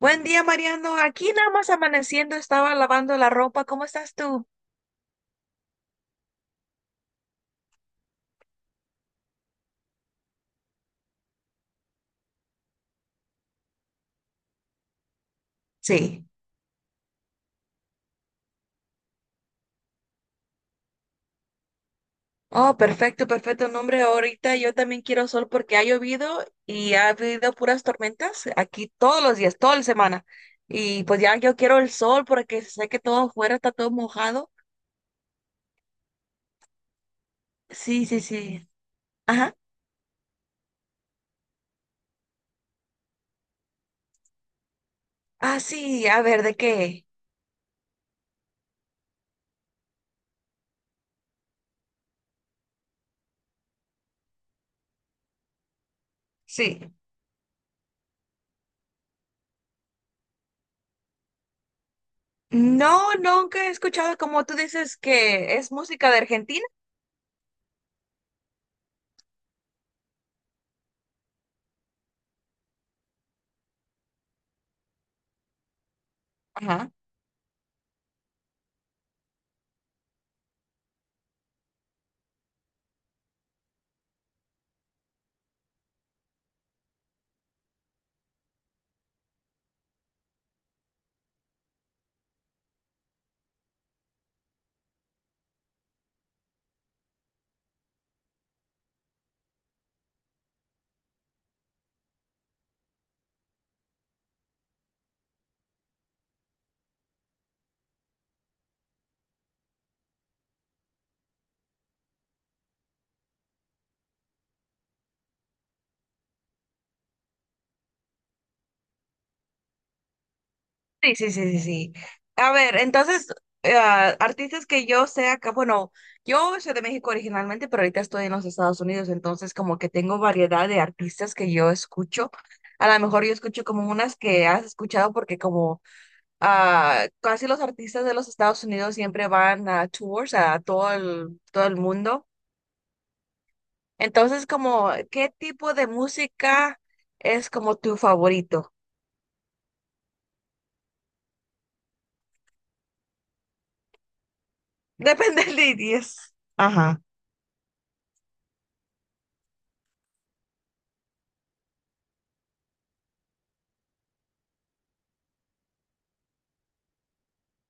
Buen día, Mariano. Aquí nada más amaneciendo, estaba lavando la ropa. ¿Cómo estás tú? Sí. Oh, perfecto, perfecto. No, hombre, ahorita yo también quiero sol porque ha llovido y ha habido puras tormentas aquí todos los días, toda la semana. Y pues ya yo quiero el sol porque sé que todo afuera está todo mojado. Sí, sí, sí. Ajá. Ah, sí, a ver, ¿de qué? Sí. No, nunca he escuchado como tú dices que es música de Argentina. Ajá. Sí, sí, sí, sí, sí. A ver, entonces, eh, artistas que yo sé acá, bueno, yo soy de México originalmente, pero ahorita estoy en los Estados Unidos, entonces como que tengo variedad de artistas que yo escucho. A lo mejor yo escucho como unas que has escuchado porque como casi los artistas de los Estados Unidos siempre van a tours a todo el mundo. Entonces, como, ¿qué tipo de música es como tu favorito? Depende del idioma. Ajá,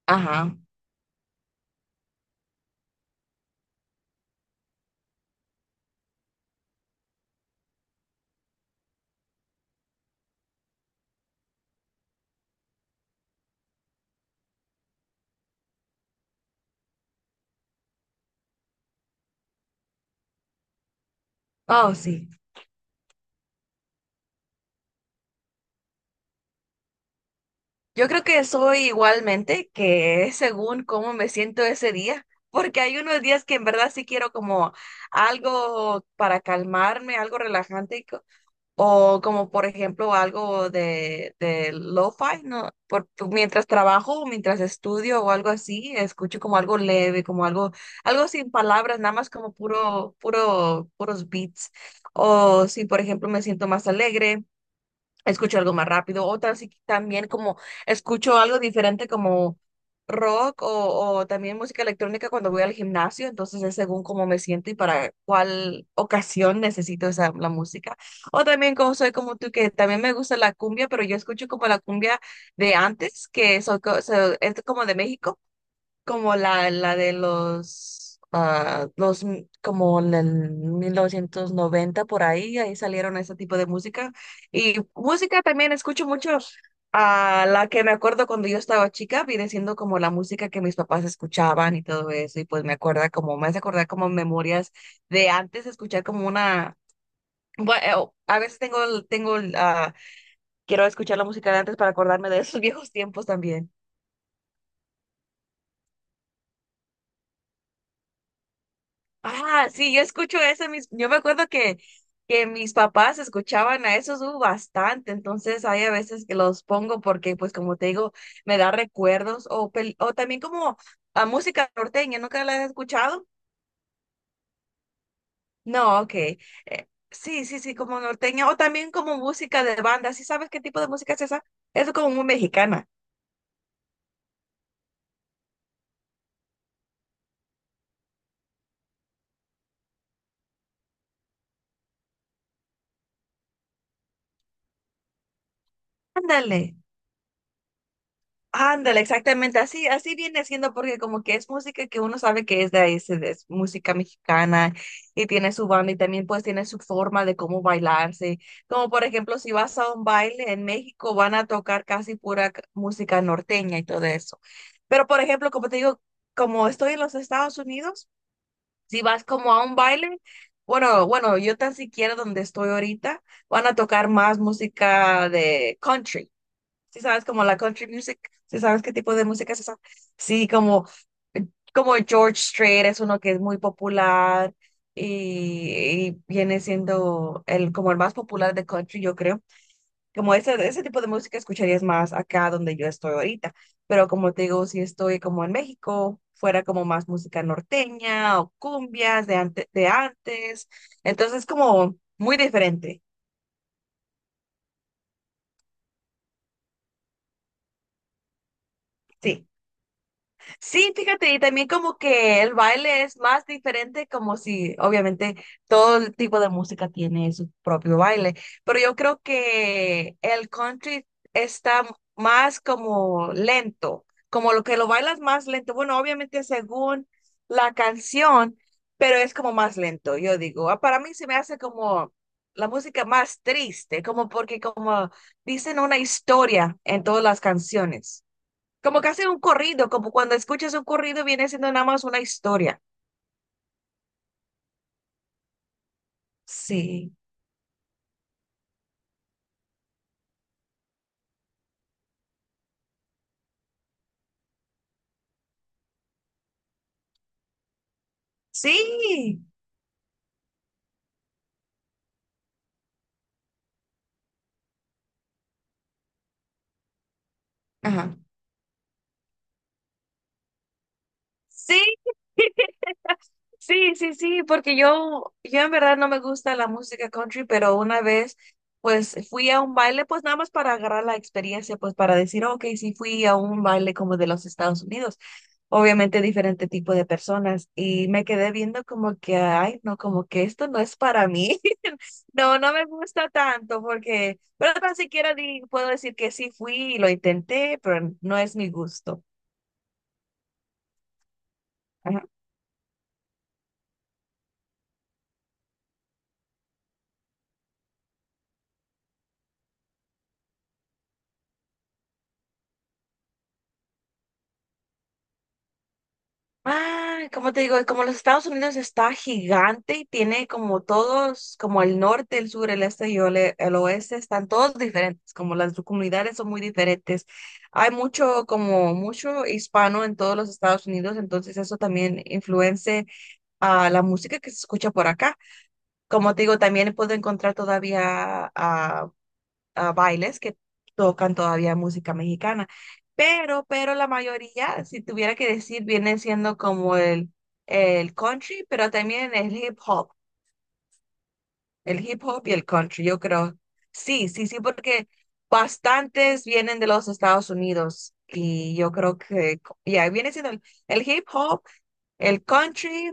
ajá. Oh, sí. Yo creo que soy igualmente, que es según cómo me siento ese día, porque hay unos días que en verdad sí quiero como algo para calmarme, algo relajante, o como por ejemplo algo de lo-fi, ¿no? Por, mientras trabajo, o mientras estudio o algo así, escucho como algo leve, como algo, algo sin palabras, nada más como puros beats. O si por ejemplo me siento más alegre escucho algo más rápido, otras sí también como escucho algo diferente como rock o también música electrónica cuando voy al gimnasio, entonces es según cómo me siento y para cuál ocasión necesito esa, la música. O también como soy como tú, que también me gusta la cumbia, pero yo escucho como la cumbia de antes, que soy, es como de México. Como la de los como en el 1990 por ahí, ahí salieron ese tipo de música. Y música también escucho mucho a la que me acuerdo cuando yo estaba chica, viene siendo como la música que mis papás escuchaban y todo eso. Y pues me acuerda como, me hace acordar como memorias de antes, escuchar como una, bueno, a veces quiero escuchar la música de antes para acordarme de esos viejos tiempos también. Ah, sí, yo escucho eso. Mis, yo me acuerdo que mis papás escuchaban a esos bastante, entonces hay a veces que los pongo porque, pues como te digo, me da recuerdos o, o también como a música norteña, ¿nunca la has escuchado? No, ok. Sí, sí, sí, como norteña o también como música de banda, ¿sí sabes qué tipo de música es esa? Es como muy mexicana. Ándale. Ándale, exactamente, así, así viene siendo porque como que es música que uno sabe que es de ahí, es música mexicana y tiene su banda y también pues tiene su forma de cómo bailarse. Como por ejemplo, si vas a un baile en México van a tocar casi pura música norteña y todo eso. Pero por ejemplo, como te digo, como estoy en los Estados Unidos, si vas como a un baile, bueno, bueno, yo tan siquiera donde estoy ahorita, van a tocar más música de country. Si sabes como la country music, si sabes qué tipo de música es esa. Sí, como George Strait es uno que es muy popular y viene siendo el, como el más popular de country, yo creo. Como ese tipo de música escucharías más acá donde yo estoy ahorita. Pero como te digo, si estoy como en México, fuera como más música norteña o cumbias de antes. Entonces como muy diferente. Sí. Sí, fíjate, y también como que el baile es más diferente, como si obviamente todo el tipo de música tiene su propio baile, pero yo creo que el country está más como lento, como lo que lo bailas más lento. Bueno, obviamente según la canción, pero es como más lento, yo digo. Para mí se me hace como la música más triste, como porque como dicen una historia en todas las canciones. Como que hace un corrido, como cuando escuchas un corrido viene siendo nada más una historia. Sí. Sí. Ajá. Sí. Sí, sí, sí, porque yo en verdad no me gusta la música country, pero una vez pues fui a un baile, pues nada más para agarrar la experiencia, pues para decir, ok, sí fui a un baile como de los Estados Unidos, obviamente diferente tipo de personas, y me quedé viendo como que, ay, no, como que esto no es para mí, no, no me gusta tanto, porque, pero tan siquiera puedo decir que sí fui y lo intenté, pero no es mi gusto. Ah, como te digo, como los Estados Unidos está gigante y tiene como todos, como el norte, el sur, el este y oeste, están todos diferentes, como las comunidades son muy diferentes. Hay mucho, como mucho hispano en todos los Estados Unidos, entonces eso también influencia a la música que se escucha por acá. Como te digo, también puedo encontrar todavía bailes que tocan todavía música mexicana. Pero la mayoría, si tuviera que decir, viene siendo como el country, pero también el hip hop, y el country, yo creo. Sí, sí, sí, porque bastantes vienen de los Estados Unidos y yo creo que ya viene siendo el hip hop, el country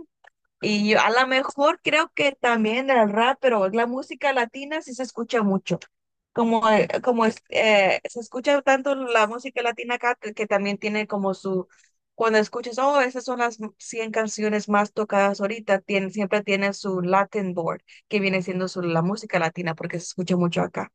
y yo, a lo mejor creo que también el rap, pero la música latina sí se escucha mucho. Como, como se escucha tanto la música latina acá que también tiene como su, cuando escuchas, oh, esas son las 100 canciones más tocadas ahorita, siempre tiene su Latin board, que viene siendo su, la música latina, porque se escucha mucho acá.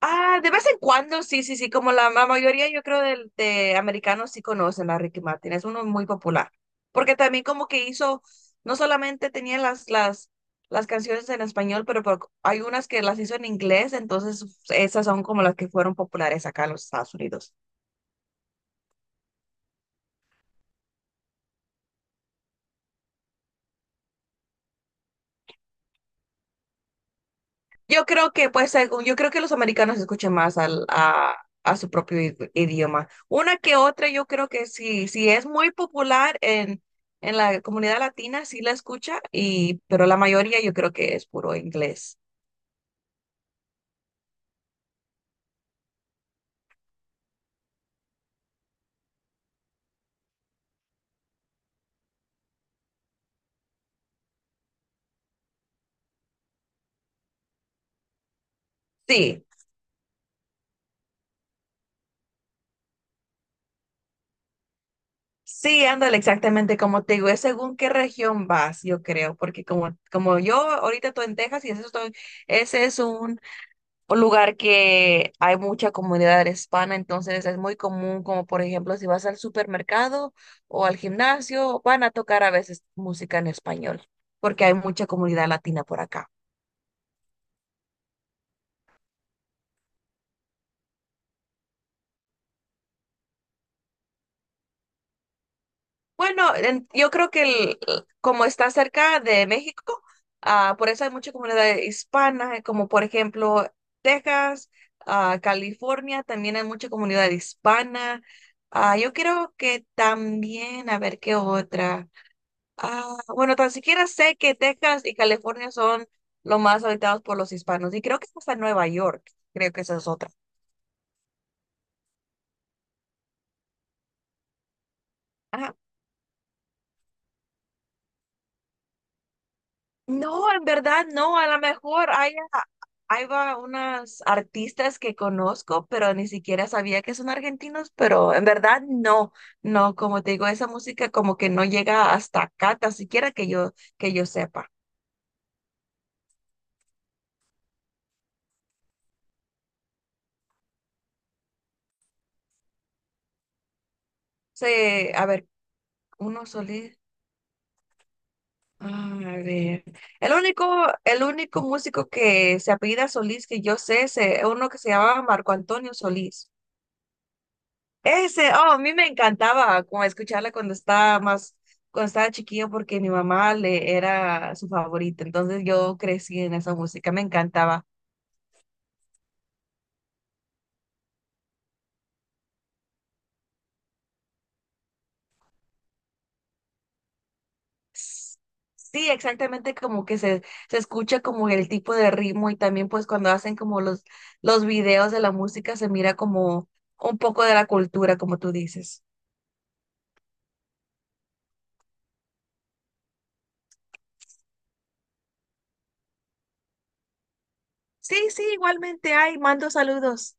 Ah, de vez en cuando, sí, sí, sí, como la, mayoría yo creo de americanos sí conocen a Ricky Martin, es uno muy popular, porque también como que hizo, no solamente tenía las canciones en español, pero, hay unas que las hizo en inglés, entonces esas son como las que fueron populares acá en los Estados Unidos. Yo creo que, pues, según yo creo que los americanos escuchan más a su propio idioma. Una que otra, yo creo que sí, sí es muy popular en la comunidad latina, sí la escucha, y, pero la mayoría yo creo que es puro inglés. Sí, sí, ándale, exactamente como te digo, es según qué región vas, yo creo, porque como yo ahorita estoy en Texas y ese, ese es un lugar que hay mucha comunidad hispana, entonces es muy común, como por ejemplo, si vas al supermercado o al gimnasio, van a tocar a veces música en español, porque hay mucha comunidad latina por acá. Bueno, yo creo que como está cerca de México, por eso hay mucha comunidad hispana, como por ejemplo Texas, California, también hay mucha comunidad hispana. Yo creo que también, a ver qué otra. Ah, bueno, tan siquiera sé que Texas y California son los más habitados por los hispanos y creo que hasta Nueva York, creo que esa es otra. Ah, no, en verdad no, a lo mejor hay va unas artistas que conozco, pero ni siquiera sabía que son argentinos, pero en verdad no, no, como te digo, esa música como que no llega hasta acá, tan siquiera que yo sepa. Sí, a ver, uno solo. A ver, el único, el único músico que se apellida Solís que yo sé es uno que se llamaba Marco Antonio Solís. Ese, oh, a mí me encantaba como escucharla cuando estaba chiquillo porque mi mamá le era su favorita. Entonces yo crecí en esa música, me encantaba. S- Sí, exactamente como que se escucha como el tipo de ritmo y también pues cuando hacen como los videos de la música se mira como un poco de la cultura, como tú dices. Sí, sí, igualmente hay, mando saludos.